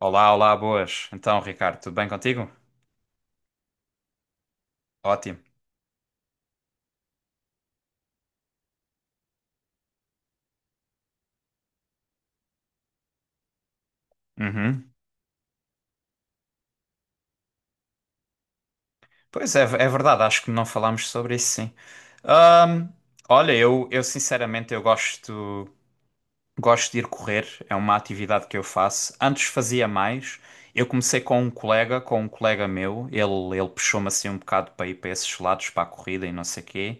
Olá, olá, boas. Então, Ricardo, tudo bem contigo? Ótimo. Uhum. Pois é, é verdade, acho que não falámos sobre isso, sim. Ahm, Olha, eu sinceramente eu gosto. Gosto de ir correr, é uma atividade que eu faço. Antes fazia mais. Eu comecei com um colega meu. Ele puxou-me assim um bocado para ir para esses lados, para a corrida e não sei quê.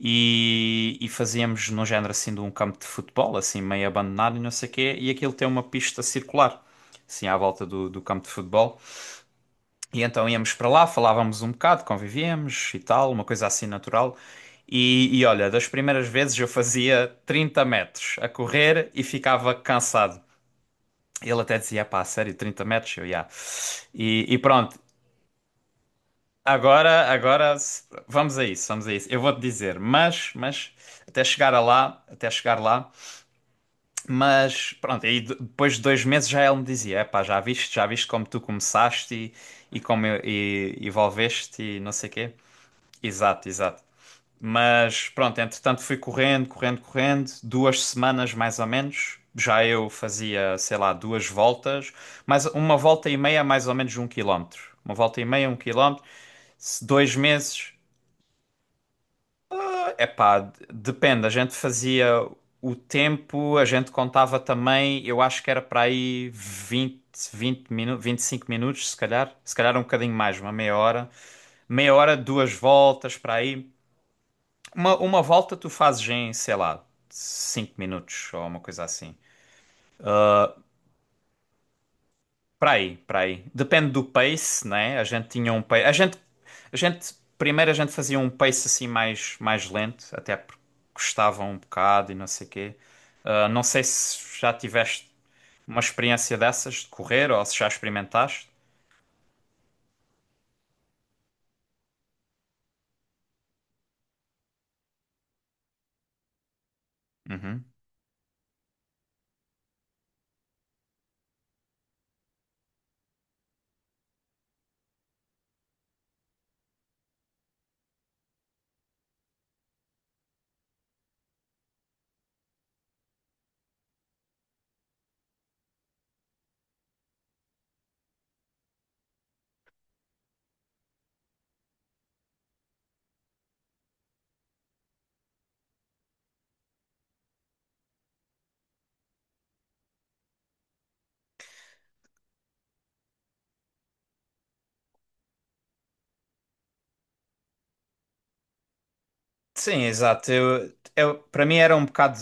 E fazíamos no género assim de um campo de futebol, assim meio abandonado e não sei quê. E aquilo tem uma pista circular, assim à volta do, do campo de futebol. E então íamos para lá, falávamos um bocado, convivíamos e tal, uma coisa assim natural. E olha, das primeiras vezes eu fazia 30 metros a correr e ficava cansado. Ele até dizia, pá, sério, 30 metros? Eu, já. E pronto, vamos a isso, vamos a isso. Eu vou-te dizer, até chegar a lá, até chegar lá, mas pronto, aí depois de 2 meses já ele me dizia, é pá, já viste como tu começaste e evolveste e não sei quê. Exato, exato. Mas pronto, entretanto fui correndo, correndo, correndo, 2 semanas mais ou menos. Já eu fazia, sei lá, duas voltas, mas uma volta e meia, mais ou menos de 1 quilómetro. Uma volta e meia, 1 quilómetro. Se Dois meses, epá, depende. A gente fazia o tempo, a gente contava também, eu acho que era para aí 20, 20 minutos, 25 minutos, se calhar. Se calhar um bocadinho mais, uma meia hora. Meia hora, duas voltas para aí. Uma volta tu fazes em, sei lá, 5 minutos ou uma coisa assim. Para aí, para aí. Depende do pace, né? A gente tinha um pace. Primeiro a gente fazia um pace assim mais, mais lento, até porque custava um bocado e não sei o quê. Ah, não sei se já tiveste uma experiência dessas de correr ou se já experimentaste. Uhum. Sim, exato. Eu, para mim era um bocado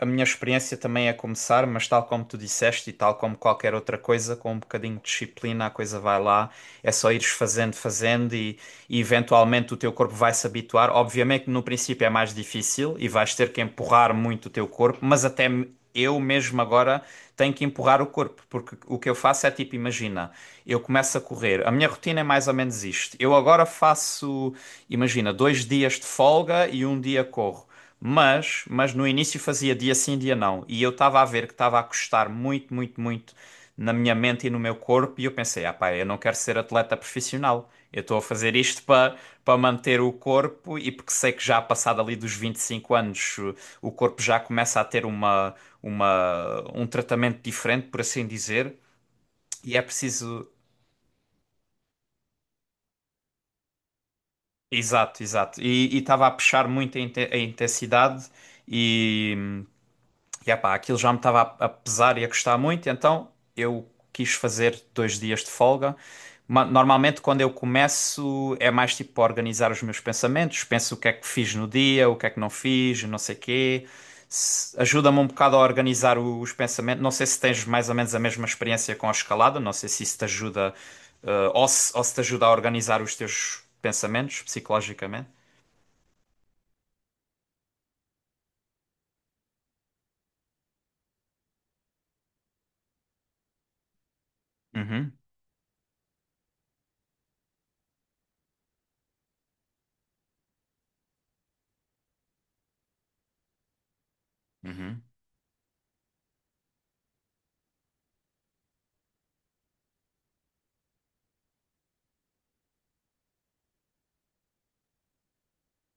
a minha experiência também a começar, mas tal como tu disseste e tal como qualquer outra coisa, com um bocadinho de disciplina a coisa vai lá, é só ires fazendo, fazendo e eventualmente o teu corpo vai se habituar. Obviamente que no princípio é mais difícil e vais ter que empurrar muito o teu corpo, mas eu mesmo agora tenho que empurrar o corpo, porque o que eu faço é tipo, imagina, eu começo a correr, a minha rotina é mais ou menos isto. Eu agora faço, imagina, 2 dias de folga e um dia corro. Mas no início fazia dia sim, dia não. E eu estava a ver que estava a custar muito, muito, muito na minha mente e no meu corpo. E eu pensei, ah pá, eu não quero ser atleta profissional. Eu estou a fazer isto para manter o corpo e porque sei que já passado ali dos 25 anos, o corpo já começa a ter uma, um tratamento diferente, por assim dizer. E é preciso. Exato, exato. E estava a puxar muito a a intensidade e. E epá, aquilo já me estava a pesar e a custar muito, então eu quis fazer 2 dias de folga. Normalmente, quando eu começo, é mais tipo para organizar os meus pensamentos. Penso o que é que fiz no dia, o que é que não fiz, não sei quê. Ajuda-me um bocado a organizar os pensamentos. Não sei se tens mais ou menos a mesma experiência com a escalada, não sei se isso te ajuda, ou se, te ajuda a organizar os teus pensamentos psicologicamente. Uhum, uhum,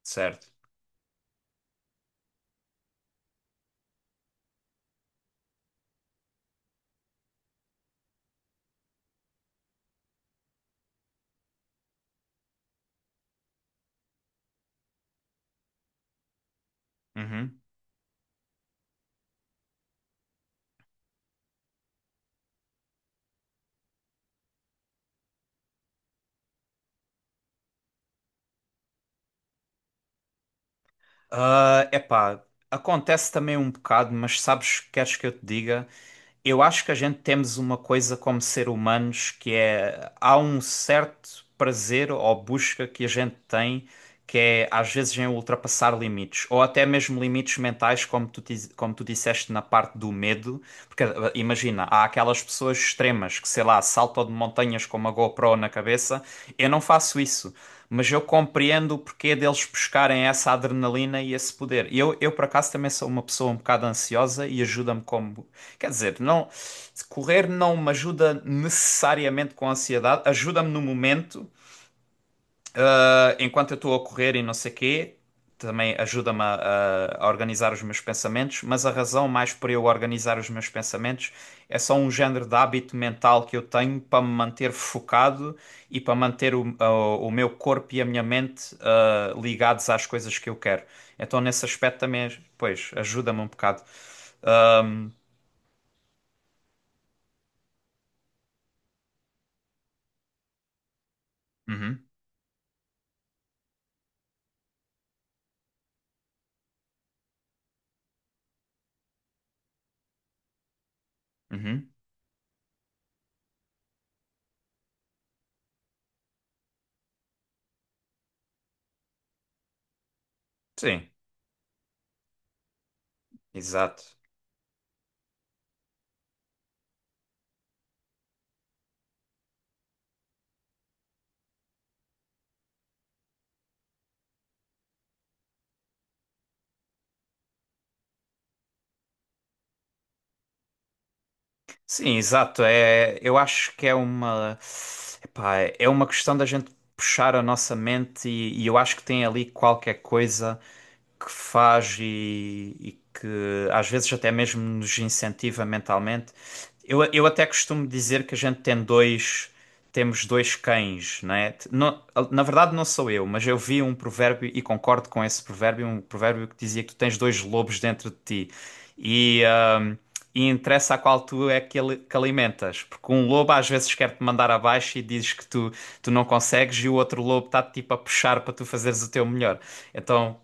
certo. Uhum. Ah, epá, acontece também um bocado, mas sabes, queres que eu te diga? Eu acho que a gente temos uma coisa como ser humanos que é há um certo prazer ou busca que a gente tem que é às vezes em ultrapassar limites ou até mesmo limites mentais como como tu disseste na parte do medo porque imagina há aquelas pessoas extremas que sei lá saltam de montanhas com uma GoPro na cabeça, eu não faço isso, mas eu compreendo o porquê deles buscarem essa adrenalina e esse poder. Eu, por acaso, também sou uma pessoa um bocado ansiosa e ajuda-me como. Quer dizer, não, correr não me ajuda necessariamente com a ansiedade, ajuda-me no momento, enquanto eu estou a correr e não sei quê, também ajuda-me organizar os meus pensamentos, mas a razão mais para eu organizar os meus pensamentos é só um género de hábito mental que eu tenho para me manter focado e para manter o meu corpo e a minha mente, ligados às coisas que eu quero. Então, nesse aspecto também, pois, ajuda-me um bocado. Uhum, uhum. Sim, exato. Sim, exato. É, eu acho que é uma, epá, é uma questão da gente puxar a nossa mente e eu acho que tem ali qualquer coisa que faz e que às vezes até mesmo nos incentiva mentalmente. Eu até costumo dizer que a gente tem dois, temos dois cães, né? Na verdade, não sou eu, mas eu vi um provérbio e concordo com esse provérbio, um provérbio que dizia que tu tens dois lobos dentro de ti. E, hum, e interessa a qual tu é que, que alimentas. Porque um lobo às vezes quer-te mandar abaixo e dizes que tu, tu não consegues, e o outro lobo está-te tipo a puxar para tu fazeres o teu melhor. Então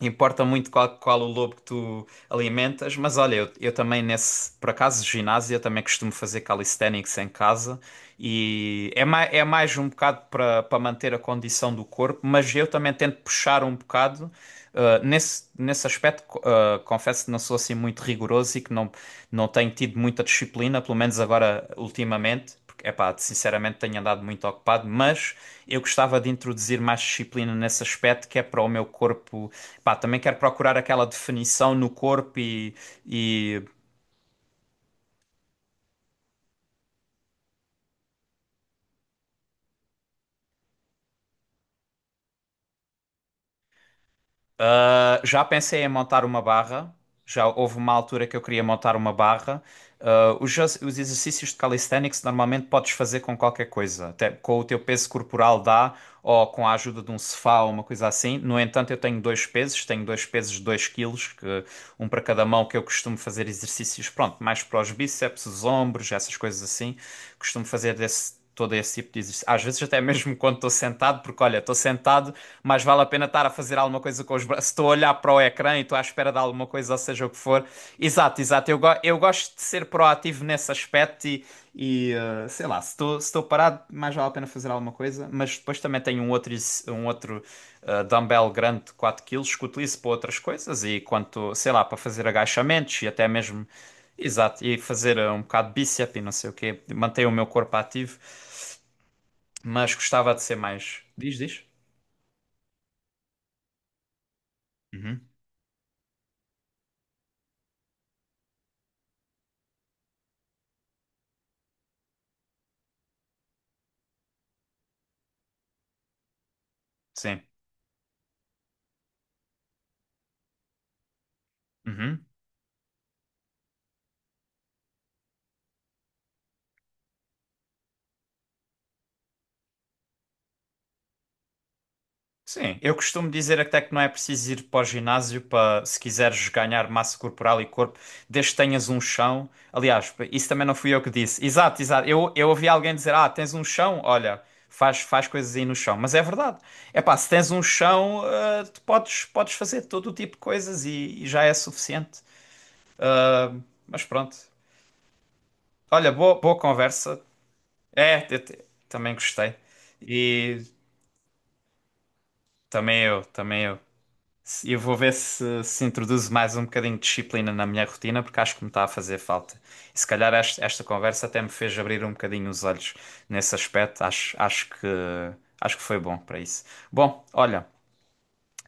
importa muito qual o lobo que tu alimentas. Mas olha, eu também nesse, por acaso, ginásio, eu também costumo fazer calisthenics em casa e é, é mais um bocado para manter a condição do corpo, mas eu também tento puxar um bocado. Nesse aspecto, confesso que não sou assim muito rigoroso e que não tenho tido muita disciplina, pelo menos agora ultimamente, porque, epá, sinceramente tenho andado muito ocupado, mas eu gostava de introduzir mais disciplina nesse aspecto que é para o meu corpo. Pá, também quero procurar aquela definição no corpo e, Já pensei em montar uma barra. Já houve uma altura que eu queria montar uma barra. Ah, os exercícios de calisthenics normalmente podes fazer com qualquer coisa, até com o teu peso corporal dá, ou com a ajuda de um sofá ou uma coisa assim. No entanto, eu tenho dois pesos de 2 quilos, um para cada mão, que eu costumo fazer exercícios, pronto, mais para os bíceps, os ombros, essas coisas assim. Costumo fazer todo esse tipo de exercício. Às vezes até mesmo quando estou sentado, porque olha, estou sentado, mas vale a pena estar a fazer alguma coisa com os braços. Se Estou a olhar para o ecrã e estou à espera de alguma coisa, ou seja o que for. Exato, exato. Eu gosto de ser proativo nesse aspecto sei lá, se estou, parado, mais vale a pena fazer alguma coisa. Mas depois também tenho um outro dumbbell grande de 4 kg que utilizo para outras coisas e quanto, sei lá, para fazer agachamentos e até mesmo. Exato, e fazer, um bocado de bíceps e não sei o quê, manter o meu corpo ativo, mas gostava de ser mais. Diz, diz? Uhum. Sim. Uhum. Sim. Eu costumo dizer até que não é preciso ir para o ginásio para, se quiseres ganhar massa corporal e corpo, desde que tenhas um chão. Aliás, isso também não fui eu que disse. Exato, exato. Eu ouvi alguém dizer: ah, tens um chão? Olha, faz, faz coisas aí no chão, mas é verdade. É pá, se tens um chão, ah, tu podes, podes fazer todo o tipo de coisas e já é suficiente. Ah, mas pronto. Olha, boa, boa conversa. É, também gostei. E também eu, também eu. E eu vou ver se, se introduzo mais um bocadinho de disciplina na minha rotina, porque acho que me está a fazer falta. E se calhar esta conversa até me fez abrir um bocadinho os olhos nesse aspecto. Acho que foi bom para isso. Bom, olha,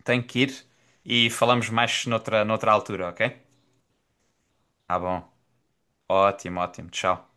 tenho que ir e falamos mais noutra altura, ok? Tá bom. Ótimo, ótimo. Tchau.